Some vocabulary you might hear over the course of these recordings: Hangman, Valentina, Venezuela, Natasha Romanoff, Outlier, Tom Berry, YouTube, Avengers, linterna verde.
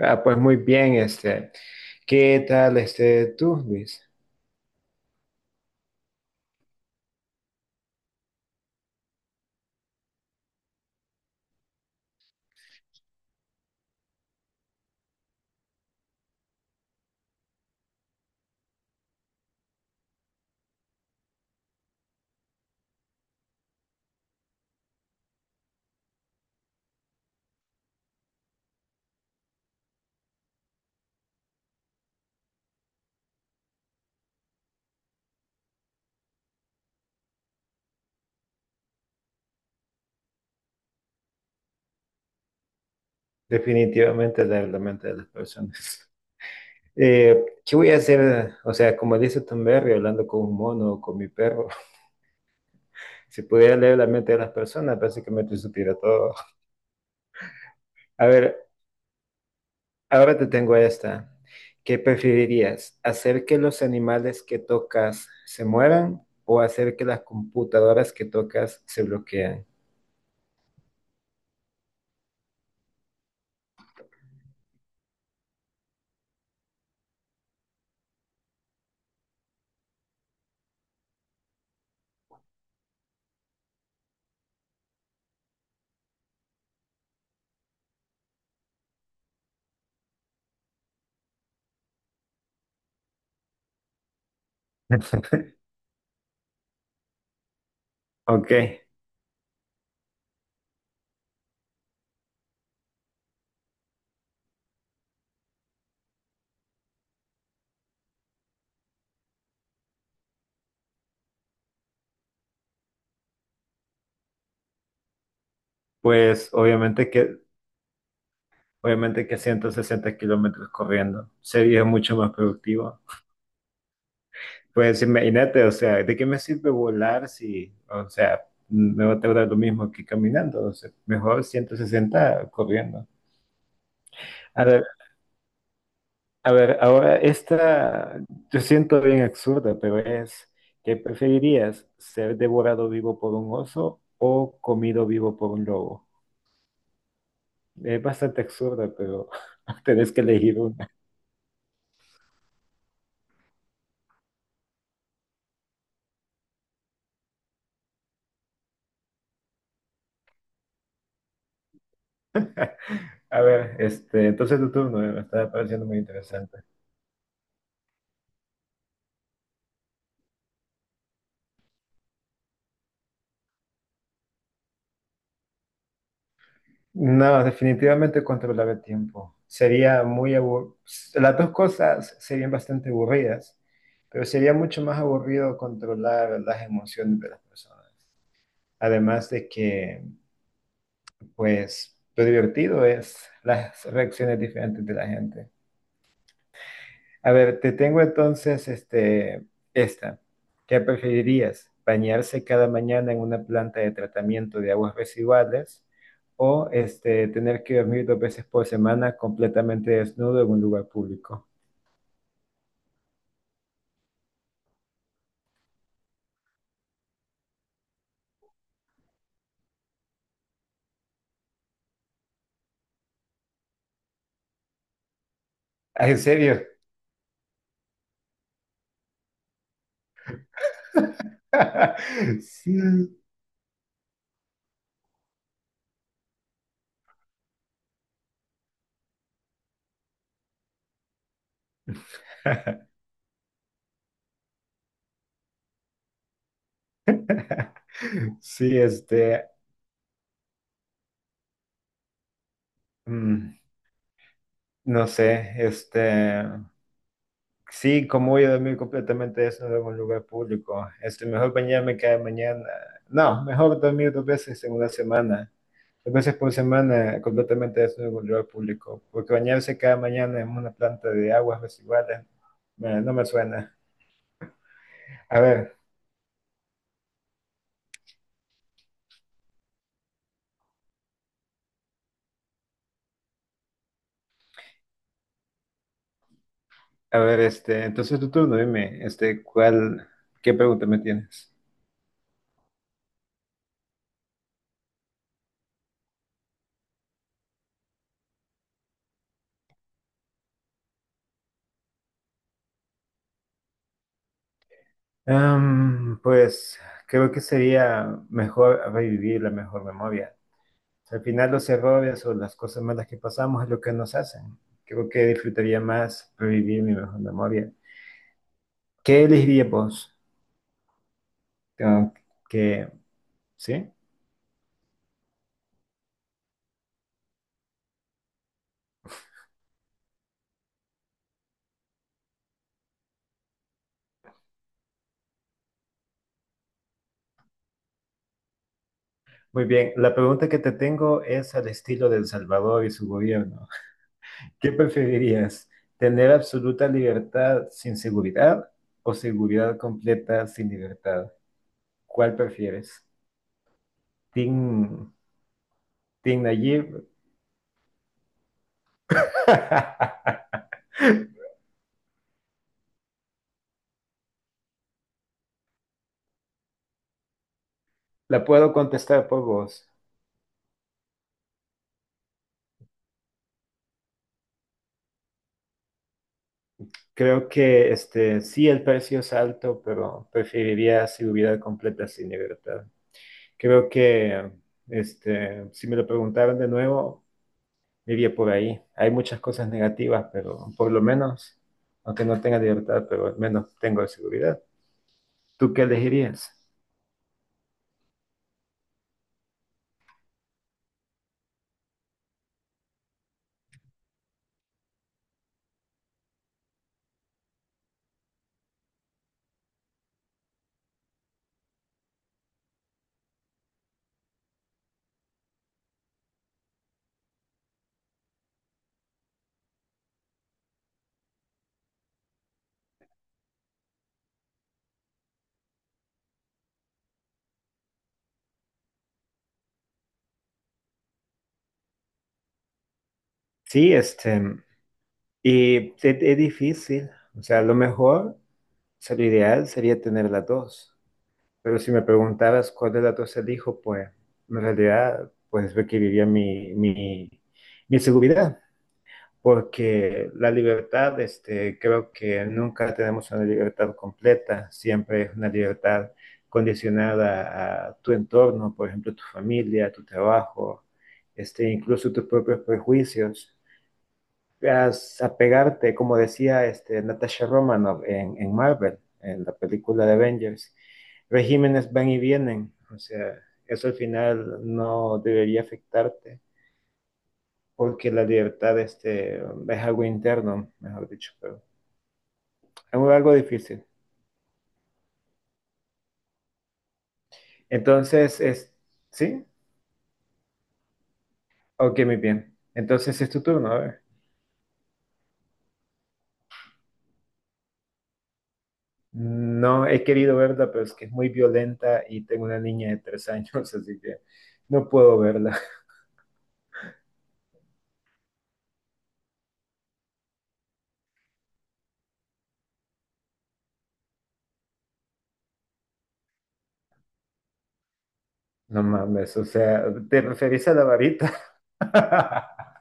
Ah, pues muy bien, ¿Qué tal tú, Luis? Definitivamente leer la mente de las personas. ¿Qué voy a hacer? O sea, como dice Tom Berry, hablando con un mono o con mi perro. Si pudiera leer la mente de las personas, básicamente supiera todo. A ver, ahora te tengo esta. ¿Qué preferirías? ¿Hacer que los animales que tocas se mueran o hacer que las computadoras que tocas se bloqueen? Ok, pues obviamente que obviamente que 160 kilómetros corriendo sería mucho más productivo. Pues imagínate, o sea, ¿de qué me sirve volar si, o sea, me va a tardar lo mismo que caminando? O sea, mejor 160 corriendo. A ver, a ver, ahora esta, yo siento bien ¿qué preferirías? ¿Ser devorado vivo por un oso o comido vivo por un lobo? Es bastante absurda, pero tenés que elegir uno. A ver, entonces tu turno, me está pareciendo muy interesante. No, definitivamente controlar el tiempo. Sería muy aburrido. Las dos cosas serían bastante aburridas, pero sería mucho más aburrido controlar las emociones de las personas. Además de que, pues, lo divertido es las reacciones diferentes de la gente. A ver, te tengo esta. ¿Qué preferirías? ¿Bañarse cada mañana en una planta de tratamiento de aguas residuales o tener que dormir dos veces por semana completamente desnudo en un lugar público? Ah, ¿en serio? Sí. Sí, mm, no sé, sí, como voy a dormir completamente desnudo en un lugar público. Este, mejor bañarme cada mañana. No, mejor dormir dos veces en una semana. Dos veces por semana completamente desnudo en un lugar público. Porque bañarse cada mañana en una planta de aguas residuales no me suena. A ver, a ver, entonces tu turno, dime, ¿qué pregunta me tienes? Am, pues creo que sería mejor revivir la mejor memoria. Al final los errores o las cosas malas que pasamos es lo que nos hacen. Creo que disfrutaría más revivir mi mejor memoria. ¿Qué elegirías vos? Tengo que, ¿sí? Muy bien, la pregunta que te tengo es al estilo de El Salvador y su gobierno. ¿Qué preferirías? ¿Tener absoluta libertad sin seguridad o seguridad completa sin libertad? ¿Cuál prefieres? Team, Team Nayib. La puedo contestar por vos. Creo que sí, el precio es alto, pero preferiría seguridad completa sin libertad. Creo que si me lo preguntaran de nuevo, me iría por ahí. Hay muchas cosas negativas, pero por lo menos, aunque no tenga libertad, pero al menos tengo seguridad. ¿Tú qué elegirías? Sí, y es difícil. O sea, lo mejor, o sea, lo ideal sería tener las dos. Pero si me preguntaras cuál de las dos elijo, pues en realidad pues requeriría mi seguridad, porque la libertad, creo que nunca tenemos una libertad completa, siempre es una libertad condicionada a tu entorno, por ejemplo, tu familia, tu trabajo, incluso tus propios prejuicios a apegarte, como decía Natasha Romanoff en Marvel, en la película de Avengers. Regímenes van y vienen, o sea, eso al final no debería afectarte, porque la libertad, es algo interno, mejor dicho, pero es algo difícil. Entonces, es, ¿sí? Ok, muy bien. Entonces es tu turno, a ver. No he querido verla, pero es que es muy violenta y tengo una niña de 3 años, así que no puedo verla. No mames, o sea, ¿te referís a la varita?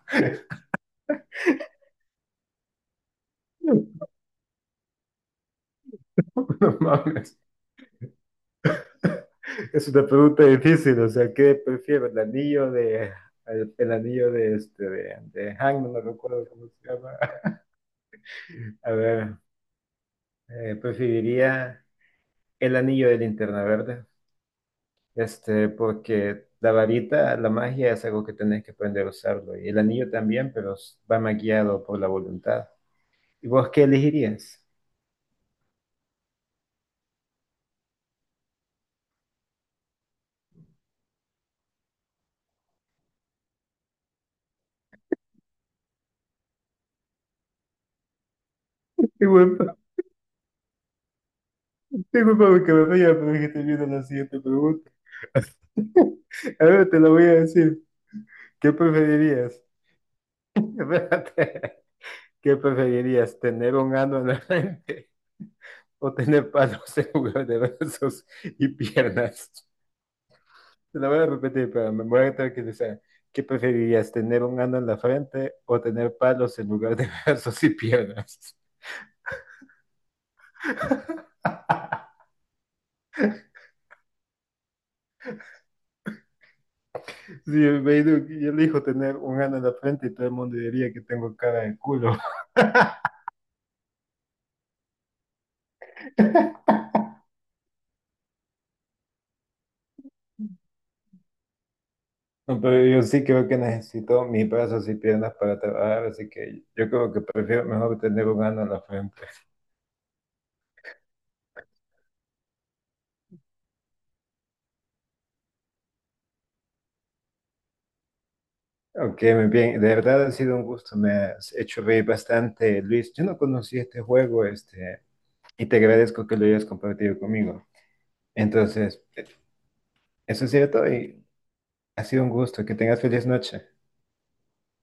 No mames. Es una pregunta difícil, o sea, ¿qué prefiero? ¿El el anillo de de Hangman, no recuerdo cómo se llama? A ver, preferiría el anillo de Linterna Verde, porque la varita, la magia es algo que tenés que aprender a usarlo, y el anillo también, pero va más guiado por la voluntad. ¿Y vos qué elegirías? Qué buen Disculpame que me vaya, pero es que te viendo la siguiente pregunta. Ahora te la voy a decir. ¿Qué preferirías? Espérate. ¿Qué preferirías? ¿Tener un ano en la frente o tener palos en lugar de brazos y piernas? Te la voy a repetir, pero me voy a tranquilizar. ¿Qué preferirías? ¿Tener un ano en la frente o tener palos en lugar de brazos y piernas? Sí, me digo que yo elijo tener un ano en la frente y todo el mundo diría que tengo cara de culo. No, pero yo sí creo que necesito mis brazos y piernas para trabajar, así que yo creo que prefiero mejor tener un ano en la frente. Ok, muy bien, de verdad ha sido un gusto, me has hecho reír bastante, Luis. Yo no conocí este juego, y te agradezco que lo hayas compartido conmigo. Entonces, eso ha sido todo y ha sido un gusto, que tengas feliz noche.